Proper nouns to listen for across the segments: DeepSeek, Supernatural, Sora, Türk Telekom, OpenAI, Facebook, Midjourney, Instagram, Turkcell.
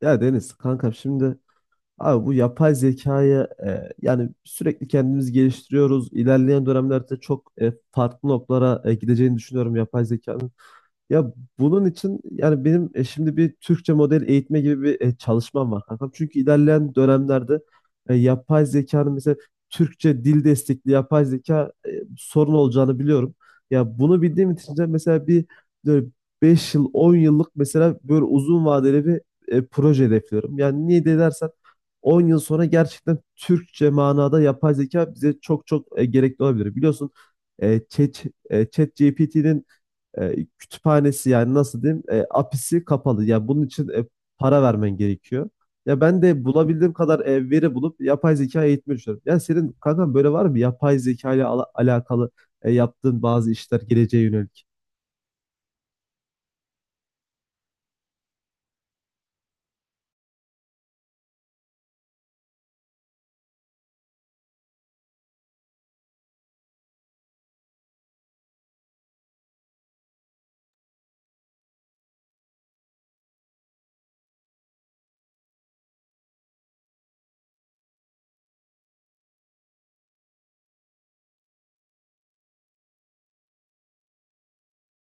Ya Deniz kankam, şimdi abi bu yapay zekayı yani sürekli kendimiz geliştiriyoruz. İlerleyen dönemlerde çok farklı noktalara gideceğini düşünüyorum yapay zekanın. Ya bunun için yani benim şimdi bir Türkçe model eğitme gibi bir çalışmam var kankam. Çünkü ilerleyen dönemlerde yapay zekanın mesela Türkçe dil destekli yapay zeka sorun olacağını biliyorum. Ya bunu bildiğim için de mesela bir böyle 5 yıl 10 yıllık, mesela böyle uzun vadeli bir proje hedefliyorum. Yani niye de dersen, 10 yıl sonra gerçekten Türkçe manada yapay zeka bize çok çok gerekli olabilir. Biliyorsun, e, Chat, e, kütüphanesi, yani nasıl diyeyim, apisi kapalı. Ya bunun için para vermen gerekiyor. Ya ben de bulabildiğim kadar veri bulup yapay zeka eğitmeyi düşünüyorum. Ya senin kankam böyle var mı? Yapay zeka ile alakalı yaptığın bazı işler, geleceğe yönelik.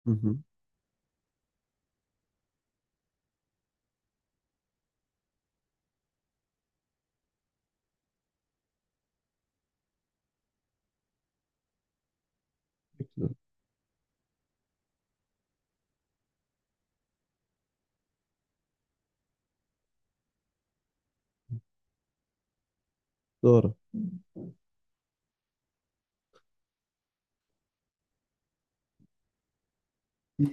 Hı hı. Doğru.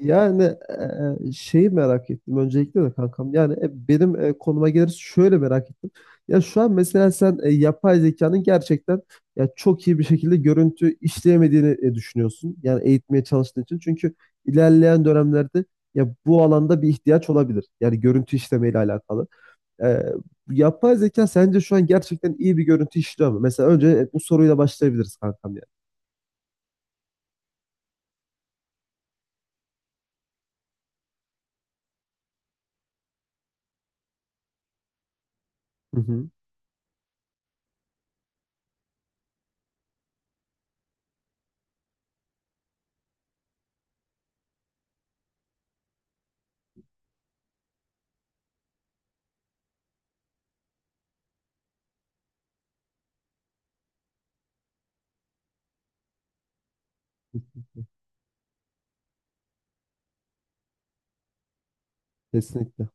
Yani şeyi merak ettim öncelikle de kankam. Yani benim konuma geliriz, şöyle merak ettim. Ya şu an mesela sen yapay zekanın gerçekten ya çok iyi bir şekilde görüntü işleyemediğini düşünüyorsun. Yani eğitmeye çalıştığın için. Çünkü ilerleyen dönemlerde ya bu alanda bir ihtiyaç olabilir. Yani görüntü işlemeyle alakalı. E, Yapay zeka sence şu an gerçekten iyi bir görüntü işliyor mu? Mesela önce bu soruyla başlayabiliriz kankam, yani. Hı hı. Kesinlikle.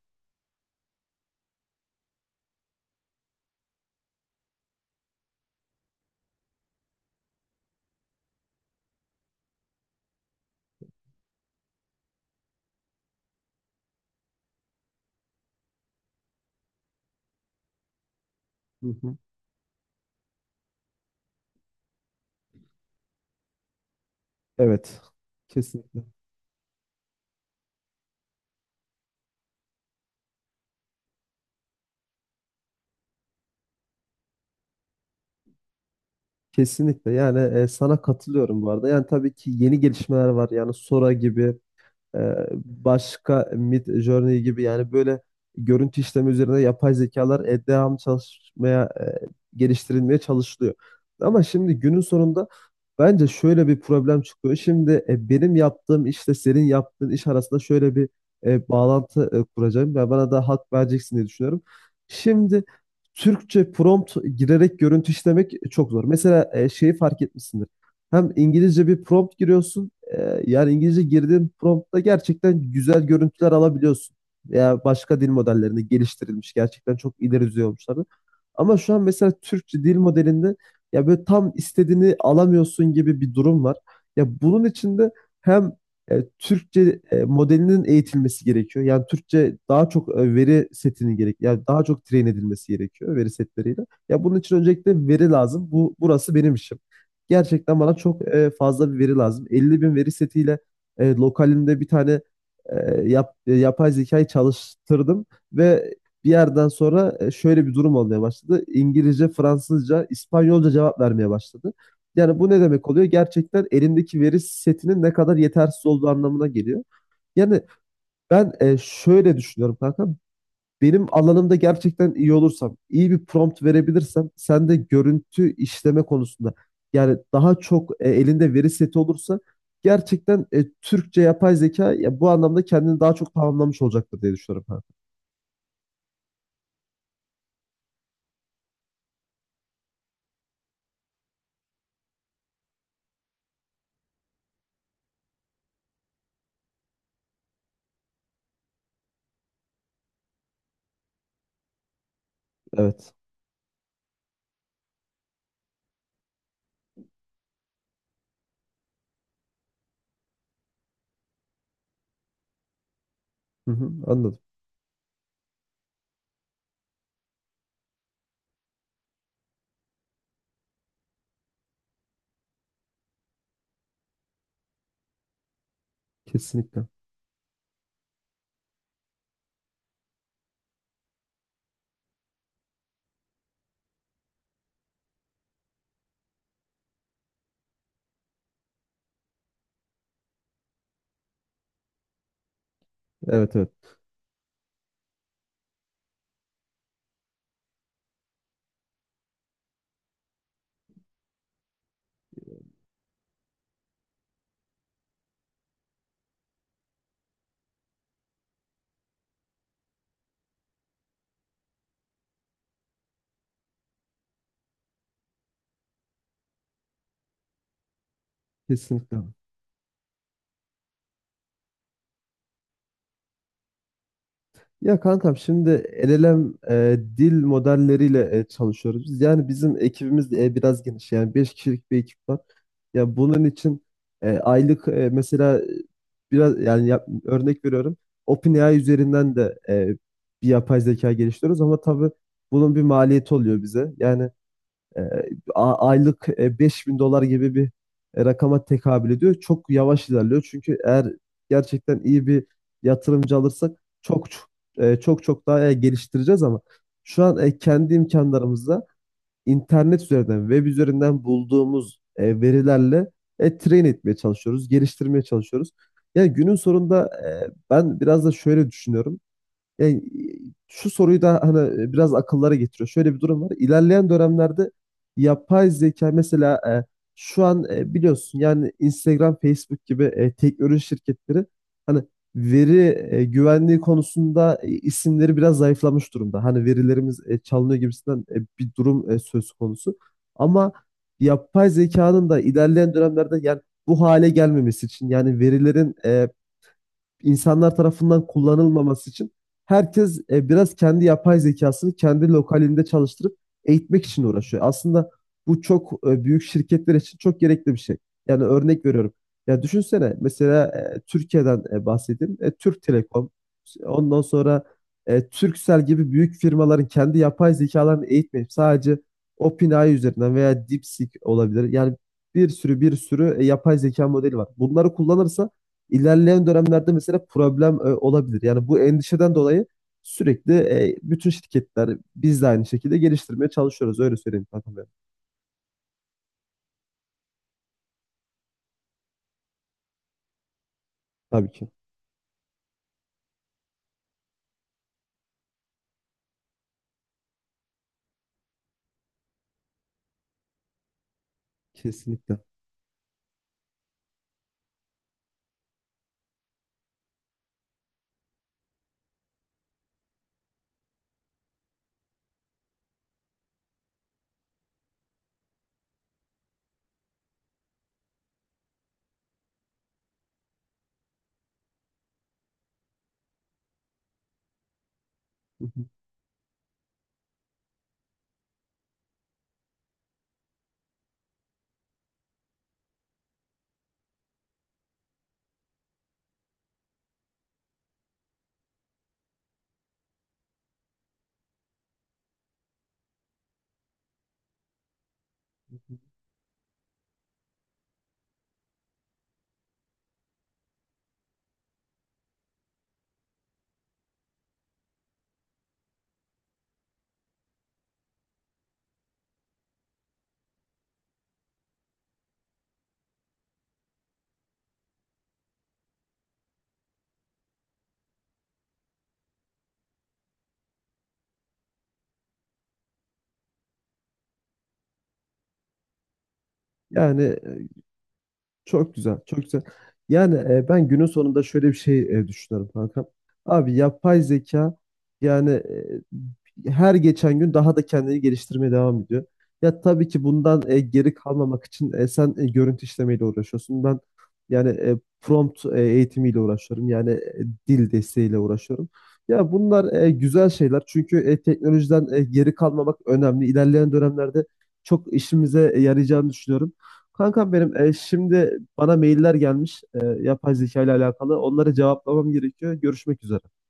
Hı hı. Evet. Kesinlikle. Kesinlikle, yani sana katılıyorum bu arada. Yani tabii ki yeni gelişmeler var, yani Sora gibi, ee, başka Mid Journey gibi, yani böyle görüntü işleme üzerine yapay zekalar devam çalışmaya, geliştirilmeye çalışılıyor. Ama şimdi günün sonunda bence şöyle bir problem çıkıyor. Şimdi benim yaptığım işle senin yaptığın iş arasında şöyle bir bağlantı kuracağım ve bana da hak vereceksin diye düşünüyorum. Şimdi Türkçe prompt girerek görüntü işlemek çok zor. Mesela şeyi fark etmişsindir. Hem İngilizce bir prompt giriyorsun, yani İngilizce girdiğin promptta gerçekten güzel görüntüler alabiliyorsun. Veya başka dil modellerini geliştirilmiş, gerçekten çok ileri düzey olmuşlardı. Ama şu an mesela Türkçe dil modelinde ya böyle tam istediğini alamıyorsun gibi bir durum var. Ya bunun için de hem Türkçe modelinin eğitilmesi gerekiyor. Yani Türkçe daha çok veri setinin gerek, yani daha çok train edilmesi gerekiyor veri setleriyle. Ya bunun için öncelikle veri lazım. Bu burası benim işim. Gerçekten bana çok fazla bir veri lazım. 50 bin veri setiyle lokalinde bir tane e, yapay zekayı çalıştırdım ve bir yerden sonra şöyle bir durum olmaya başladı. İngilizce, Fransızca, İspanyolca cevap vermeye başladı. Yani bu ne demek oluyor? Gerçekten elindeki veri setinin ne kadar yetersiz olduğu anlamına geliyor. Yani ben şöyle düşünüyorum kanka, benim alanımda gerçekten iyi olursam, iyi bir prompt verebilirsem, sen de görüntü işleme konusunda yani daha çok elinde veri seti olursa, gerçekten Türkçe yapay zeka ya, bu anlamda kendini daha çok tamamlamış olacaktır diye düşünüyorum. Ha. Evet. Hı hı, anladım. Kesinlikle. Evet, evet. Kesinlikle. Ya kankam, şimdi LLM dil modelleriyle çalışıyoruz biz. Yani bizim ekibimiz de biraz geniş. Yani 5 kişilik bir ekip var. Ya bunun için aylık, mesela, biraz yani örnek veriyorum. OpenAI üzerinden de bir yapay zeka geliştiriyoruz ama tabii bunun bir maliyeti oluyor bize. Yani e, aylık 5.000 dolar gibi bir rakama tekabül ediyor. Çok yavaş ilerliyor. Çünkü eğer gerçekten iyi bir yatırımcı alırsak çok çok çok daha geliştireceğiz, ama şu an kendi imkanlarımızla internet üzerinden, web üzerinden bulduğumuz verilerle train etmeye çalışıyoruz, geliştirmeye çalışıyoruz. Yani günün sonunda ben biraz da şöyle düşünüyorum. Yani şu soruyu da hani biraz akıllara getiriyor. Şöyle bir durum var. İlerleyen dönemlerde yapay zeka mesela, şu an biliyorsun yani, Instagram, Facebook gibi teknoloji şirketleri hani veri güvenliği konusunda isimleri biraz zayıflamış durumda. Hani verilerimiz çalınıyor gibisinden bir durum söz konusu. Ama yapay zekanın da ilerleyen dönemlerde yani bu hale gelmemesi için, yani verilerin insanlar tarafından kullanılmaması için herkes biraz kendi yapay zekasını kendi lokalinde çalıştırıp eğitmek için uğraşıyor. Aslında bu çok büyük şirketler için çok gerekli bir şey. Yani örnek veriyorum. Ya düşünsene mesela, Türkiye'den bahsedeyim. Türk Telekom, ondan sonra Turkcell gibi büyük firmaların kendi yapay zekalarını eğitmeyip sadece OpenAI üzerinden veya DeepSeek olabilir. Yani bir sürü bir sürü yapay zeka modeli var. Bunları kullanırsa ilerleyen dönemlerde mesela problem olabilir. Yani bu endişeden dolayı sürekli bütün şirketler, biz de aynı şekilde geliştirmeye çalışıyoruz. Öyle söyleyeyim kankam benim. Tabii ki. Kesinlikle. Yani çok güzel, çok güzel. Yani ben günün sonunda şöyle bir şey düşünüyorum kankam. Abi yapay zeka yani her geçen gün daha da kendini geliştirmeye devam ediyor. Ya tabii ki bundan geri kalmamak için sen görüntü işlemeyle uğraşıyorsun. Ben yani prompt eğitimiyle uğraşıyorum. Yani dil desteğiyle uğraşıyorum. Ya bunlar güzel şeyler, çünkü teknolojiden geri kalmamak önemli. İlerleyen dönemlerde çok işimize yarayacağını düşünüyorum. Kankam benim, şimdi bana mailler gelmiş yapay zeka ile alakalı. Onları cevaplamam gerekiyor. Görüşmek üzere.